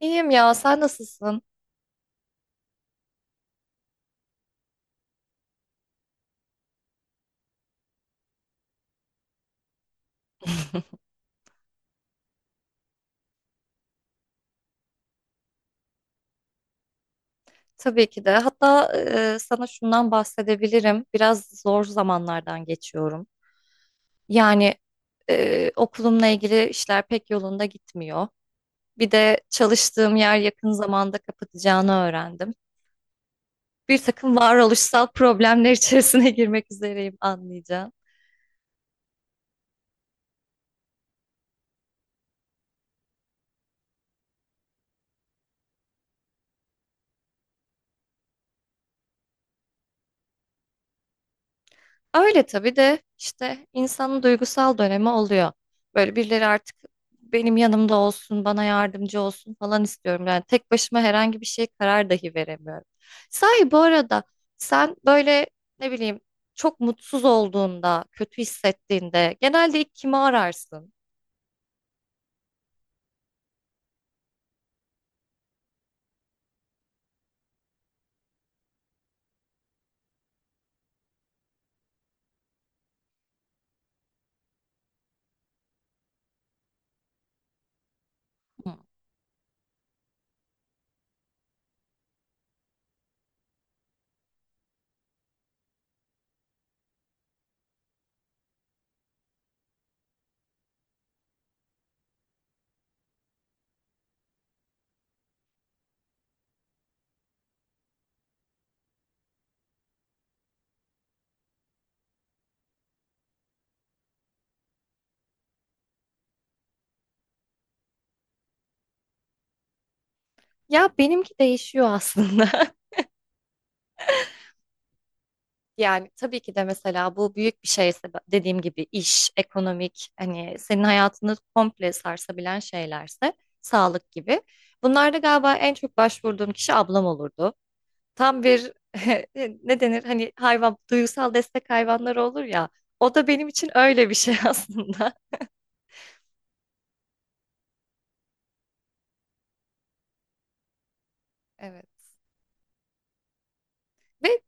İyiyim ya, sen nasılsın? Tabii ki de. Hatta sana şundan bahsedebilirim. Biraz zor zamanlardan geçiyorum. Yani okulumla ilgili işler pek yolunda gitmiyor. Bir de çalıştığım yer yakın zamanda kapatacağını öğrendim. Bir takım varoluşsal problemler içerisine girmek üzereyim anlayacağım. Öyle tabii de işte insanın duygusal dönemi oluyor. Böyle birileri artık benim yanımda olsun, bana yardımcı olsun falan istiyorum. Yani tek başıma herhangi bir şey karar dahi veremiyorum. Sahi bu arada sen böyle ne bileyim çok mutsuz olduğunda, kötü hissettiğinde genelde ilk kimi ararsın? Hmm. Ya benimki değişiyor aslında. Yani tabii ki de mesela bu büyük bir şeyse dediğim gibi iş, ekonomik hani senin hayatını komple sarsabilen şeylerse sağlık gibi. Bunlarda galiba en çok başvurduğum kişi ablam olurdu. Tam bir ne denir hani hayvan duygusal destek hayvanları olur ya o da benim için öyle bir şey aslında. Evet. Ve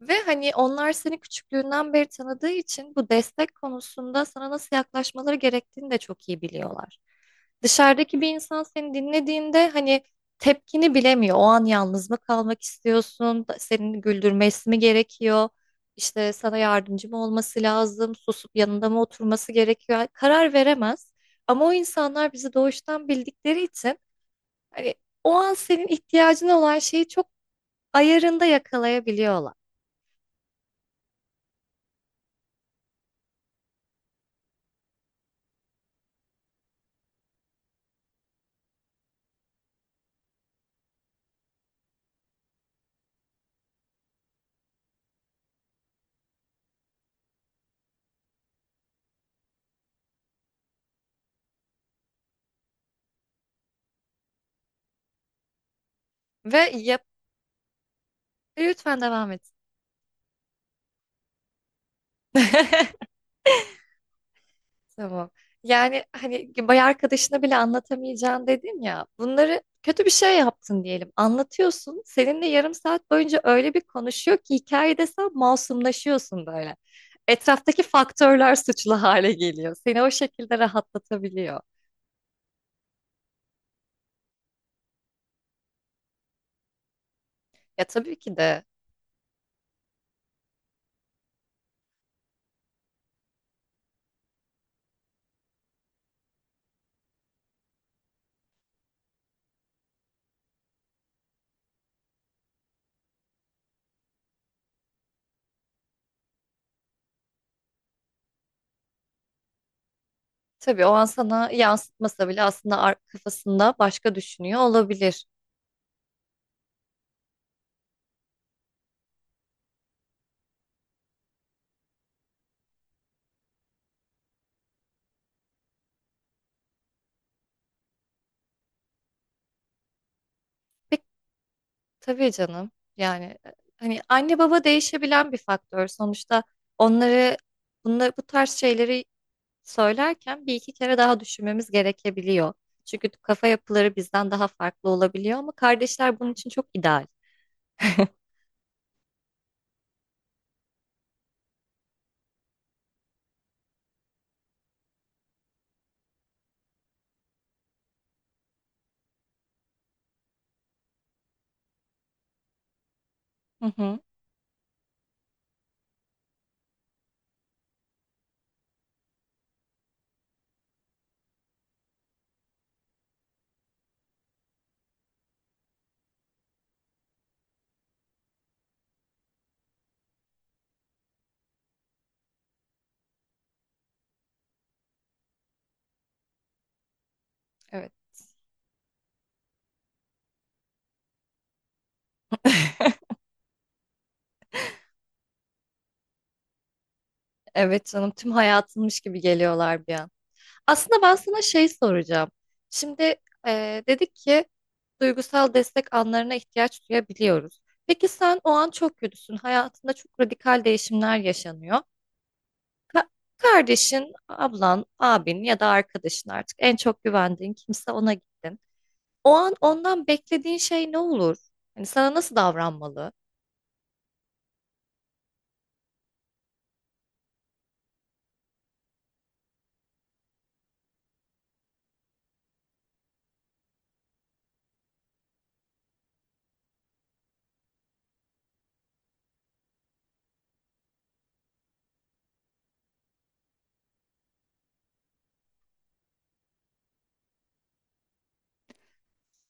ve hani onlar seni küçüklüğünden beri tanıdığı için bu destek konusunda sana nasıl yaklaşmaları gerektiğini de çok iyi biliyorlar. Dışarıdaki bir insan seni dinlediğinde hani tepkini bilemiyor. O an yalnız mı kalmak istiyorsun? Senin güldürmesi mi gerekiyor? İşte sana yardımcı mı olması lazım? Susup yanında mı oturması gerekiyor? Karar veremez. Ama o insanlar bizi doğuştan bildikleri için hani o an senin ihtiyacın olan şeyi çok ayarında yakalayabiliyorlar. Ve yap Lütfen devam et. Tamam. Yani hani bay arkadaşına bile anlatamayacağın dedim ya. Bunları kötü bir şey yaptın diyelim. Anlatıyorsun. Seninle yarım saat boyunca öyle bir konuşuyor ki hikayede sen masumlaşıyorsun böyle. Etraftaki faktörler suçlu hale geliyor. Seni o şekilde rahatlatabiliyor. Ya tabii ki de. Tabii o an sana yansıtmasa bile aslında kafasında başka düşünüyor olabilir. Tabii canım. Yani hani anne baba değişebilen bir faktör. Sonuçta onları bunları bu tarz şeyleri söylerken bir iki kere daha düşünmemiz gerekebiliyor. Çünkü kafa yapıları bizden daha farklı olabiliyor ama kardeşler bunun için çok ideal. Hı hı. Evet. Evet canım tüm hayatınmış gibi geliyorlar bir an. Aslında ben sana şey soracağım. Şimdi dedik ki duygusal destek anlarına ihtiyaç duyabiliyoruz. Peki sen o an çok kötüsün. Hayatında çok radikal değişimler yaşanıyor. Ka- kardeşin, ablan, abin ya da arkadaşın artık en çok güvendiğin kimse ona gittin. O an ondan beklediğin şey ne olur? Hani sana nasıl davranmalı?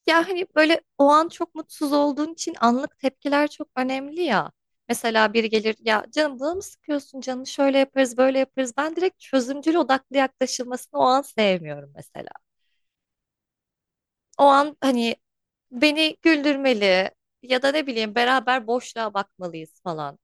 Ya hani böyle o an çok mutsuz olduğun için anlık tepkiler çok önemli ya. Mesela biri gelir ya canım bunu mı sıkıyorsun canım şöyle yaparız böyle yaparız. Ben direkt çözümcül odaklı yaklaşılmasını o an sevmiyorum mesela. O an hani beni güldürmeli ya da ne bileyim beraber boşluğa bakmalıyız falan.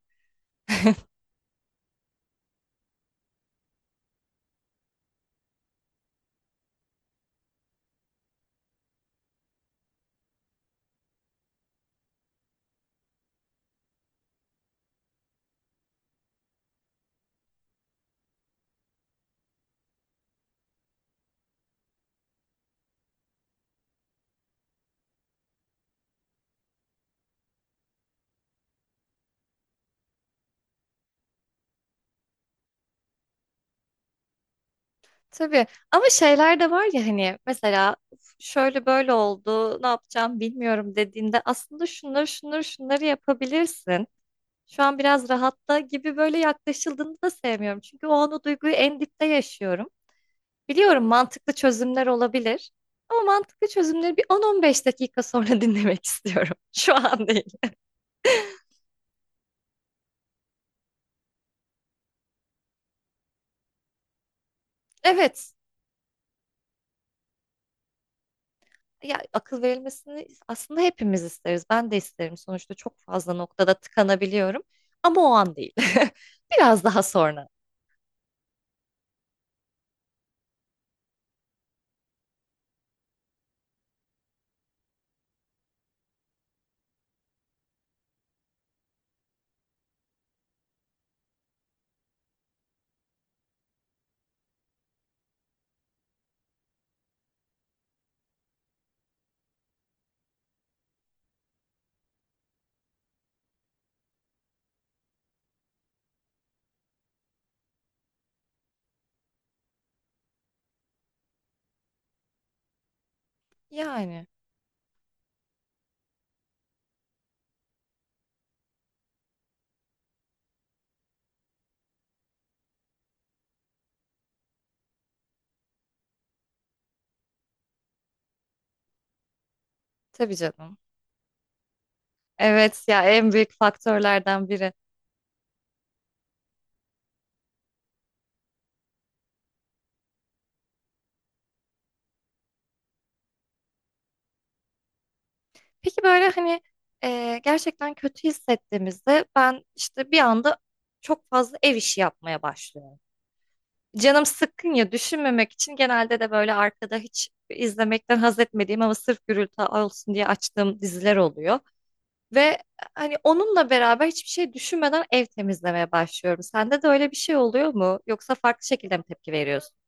Tabii ama şeyler de var ya hani mesela "Uf, şöyle böyle oldu ne yapacağım bilmiyorum dediğinde aslında şunları şunları şunları yapabilirsin. Şu an biraz rahatta gibi böyle yaklaşıldığını da sevmiyorum. Çünkü o an o duyguyu en dipte yaşıyorum. Biliyorum mantıklı çözümler olabilir. Ama mantıklı çözümleri bir 10-15 dakika sonra dinlemek istiyorum. Şu an değil. Evet. Ya akıl verilmesini aslında hepimiz isteriz. Ben de isterim. Sonuçta çok fazla noktada tıkanabiliyorum. Ama o an değil. Biraz daha sonra. Yani tabii canım. Evet ya en büyük faktörlerden biri. Peki böyle hani gerçekten kötü hissettiğimizde ben işte bir anda çok fazla ev işi yapmaya başlıyorum. Canım sıkkın ya düşünmemek için genelde de böyle arkada hiç izlemekten haz etmediğim ama sırf gürültü olsun diye açtığım diziler oluyor. Ve hani onunla beraber hiçbir şey düşünmeden ev temizlemeye başlıyorum. Sende de öyle bir şey oluyor mu? Yoksa farklı şekilde mi tepki veriyorsun?